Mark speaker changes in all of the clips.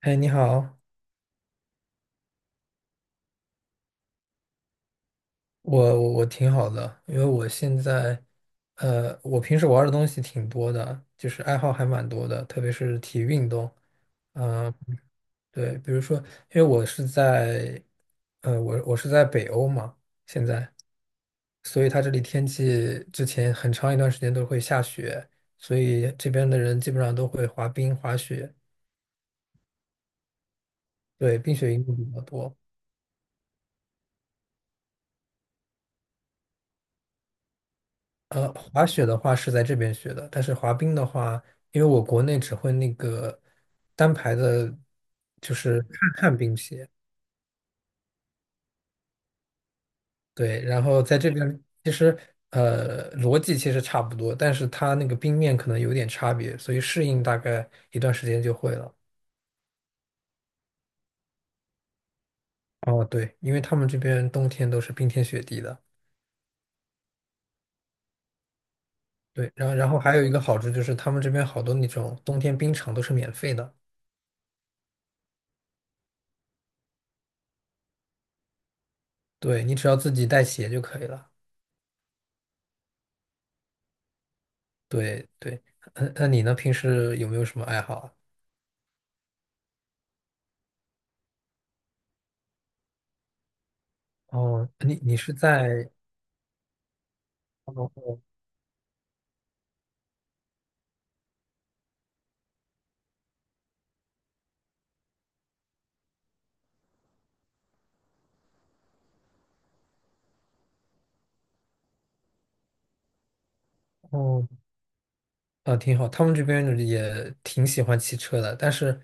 Speaker 1: 哎，你好。我挺好的，因为我现在，我平时玩的东西挺多的，就是爱好还蛮多的，特别是体育运动。嗯、对，比如说，因为我是在，呃，我我是在北欧嘛，现在，所以它这里天气之前很长一段时间都会下雪，所以这边的人基本上都会滑冰、滑雪。对，冰雪运动比较多。滑雪的话是在这边学的，但是滑冰的话，因为我国内只会那个单排的，就是旱冰鞋，对，然后在这边其实逻辑其实差不多，但是它那个冰面可能有点差别，所以适应大概一段时间就会了。哦，对，因为他们这边冬天都是冰天雪地的。对，然后还有一个好处就是他们这边好多那种冬天冰场都是免费的。对，你只要自己带鞋就可以了。对对，嗯，那你呢？平时有没有什么爱好啊？哦，你你是在哦哦哦，啊，挺好。他们这边也挺喜欢骑车的，但是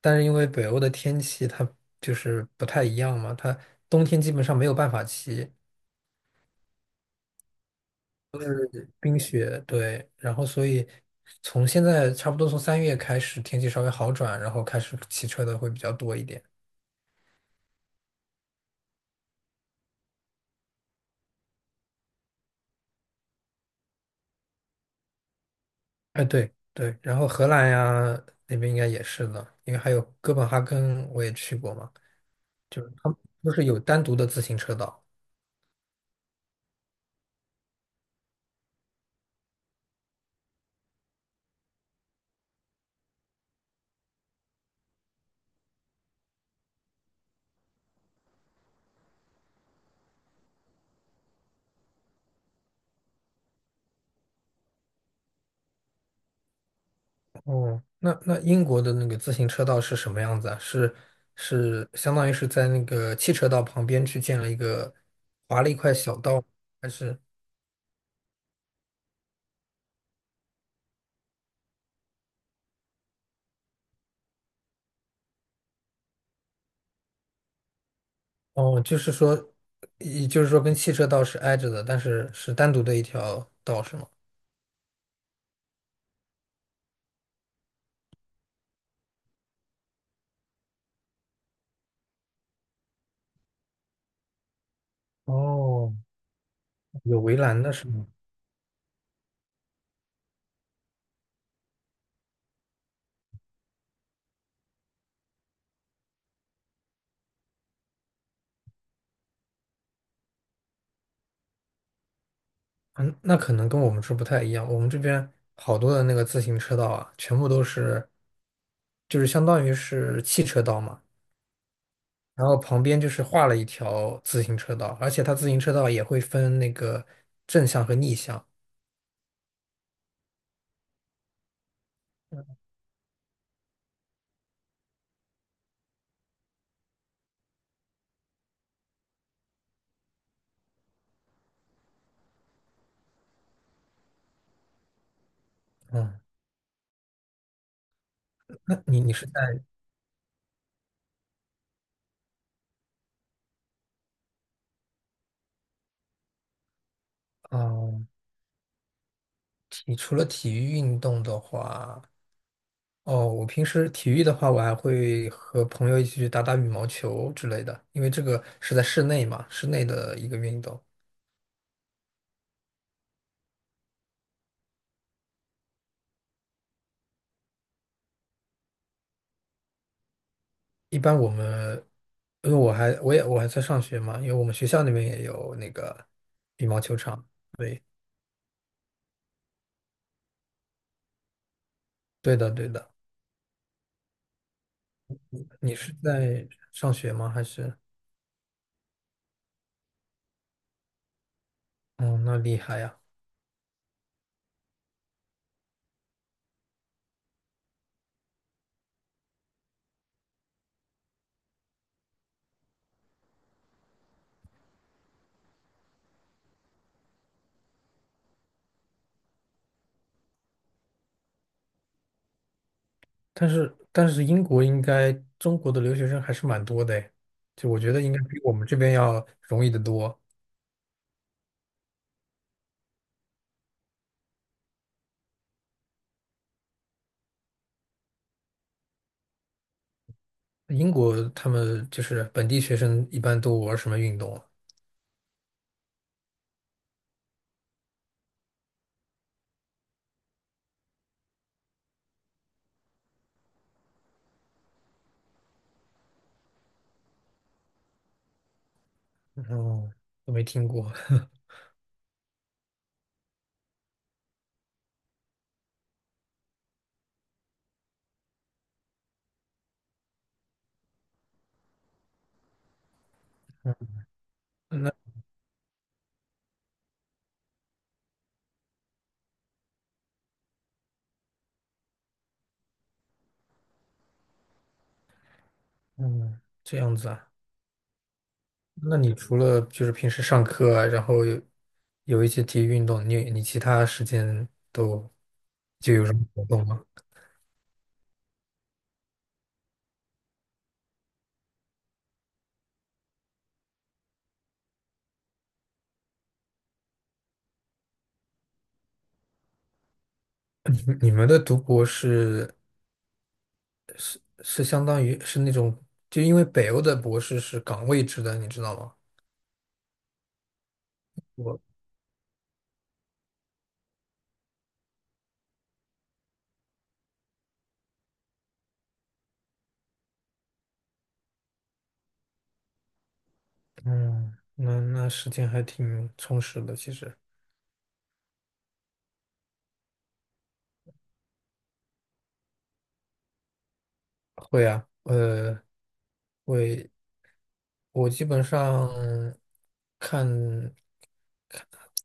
Speaker 1: 但是因为北欧的天气它就是不太一样嘛，它冬天基本上没有办法骑冰雪。对，然后所以从现在差不多从3月开始天气稍微好转，然后开始骑车的会比较多一点。哎，对对，然后荷兰呀那边应该也是的，因为还有哥本哈根我也去过嘛，就是他们都是有单独的自行车道。哦，那那英国的那个自行车道是什么样子啊？是是相当于是在那个汽车道旁边去建了一个划了一块小道，还是哦，就是说，也就是说跟汽车道是挨着的，但是是单独的一条道是吗？哦，有围栏的是吗？嗯，那可能跟我们这不太一样。我们这边好多的那个自行车道啊，全部都是，就是相当于是汽车道嘛，然后旁边就是画了一条自行车道，而且它自行车道也会分那个正向和逆向。嗯，那你你是在哦，除了体育运动的话，哦，我平时体育的话，我还会和朋友一起去打打羽毛球之类的，因为这个是在室内嘛，室内的一个运动。一般我们，因为我还在上学嘛，因为我们学校那边也有那个羽毛球场。对，对的，对的。你是在上学吗？还是？哦，那厉害呀！但是但是英国应该中国的留学生还是蛮多的诶，就我觉得应该比我们这边要容易的多。英国他们就是本地学生一般都玩什么运动啊？哦，都没听过。那嗯，这样子啊。那你除了就是平时上课啊，然后有有一些体育运动，你你其他时间都就有什么活动吗？你你们的读博士是相当于是那种，就因为北欧的博士是岗位制的，你知道吗？嗯，那那时间还挺充实的，其实会啊，我基本上看。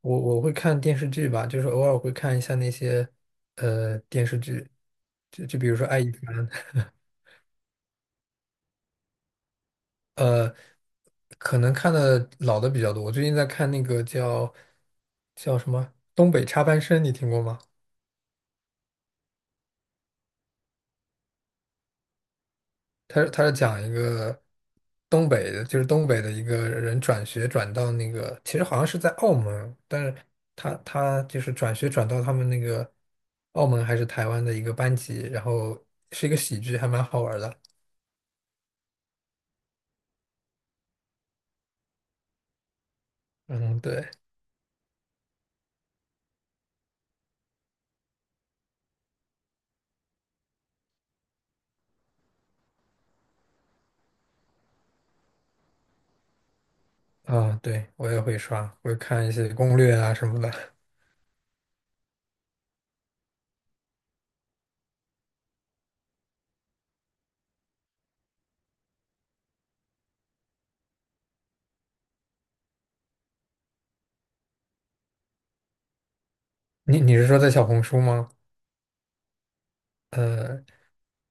Speaker 1: 我会看电视剧吧，就是偶尔会看一下那些电视剧，就就比如说《爱一凡》，呃，可能看的老的比较多。我最近在看那个叫叫什么《东北插班生》，你听过吗？他他是讲一个东北的，就是东北的一个人转学转到那个，其实好像是在澳门，但是他他就是转学转到他们那个澳门还是台湾的一个班级，然后是一个喜剧，还蛮好玩的。嗯，对，啊，对，我也会刷，会看一些攻略啊什么的。你你是说在小红书吗？呃，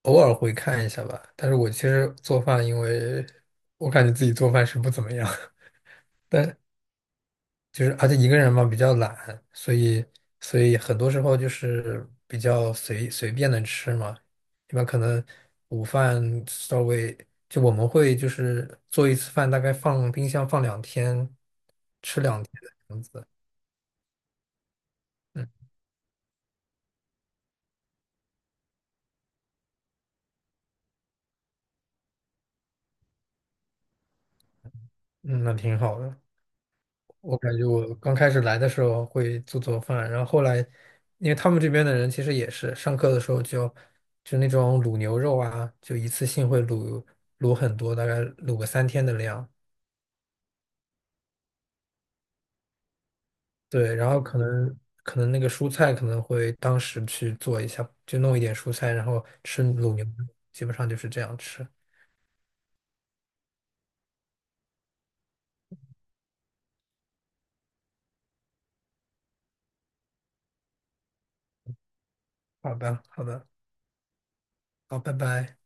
Speaker 1: 偶尔会看一下吧。但是我其实做饭，因为我感觉自己做饭是不怎么样，但就是而且一个人嘛比较懒，所以所以很多时候就是比较随随便的吃嘛。一般可能午饭稍微就我们会就是做一次饭，大概放冰箱放两天，吃两天。嗯嗯，那挺好的。我感觉我刚开始来的时候会做做饭，然后后来，因为他们这边的人其实也是上课的时候就就那种卤牛肉啊，就一次性会卤很多，大概卤个3天的量。对，然后可能可能那个蔬菜可能会当时去做一下，就弄一点蔬菜，然后吃卤牛肉，基本上就是这样吃。好吧，好吧，好，拜拜。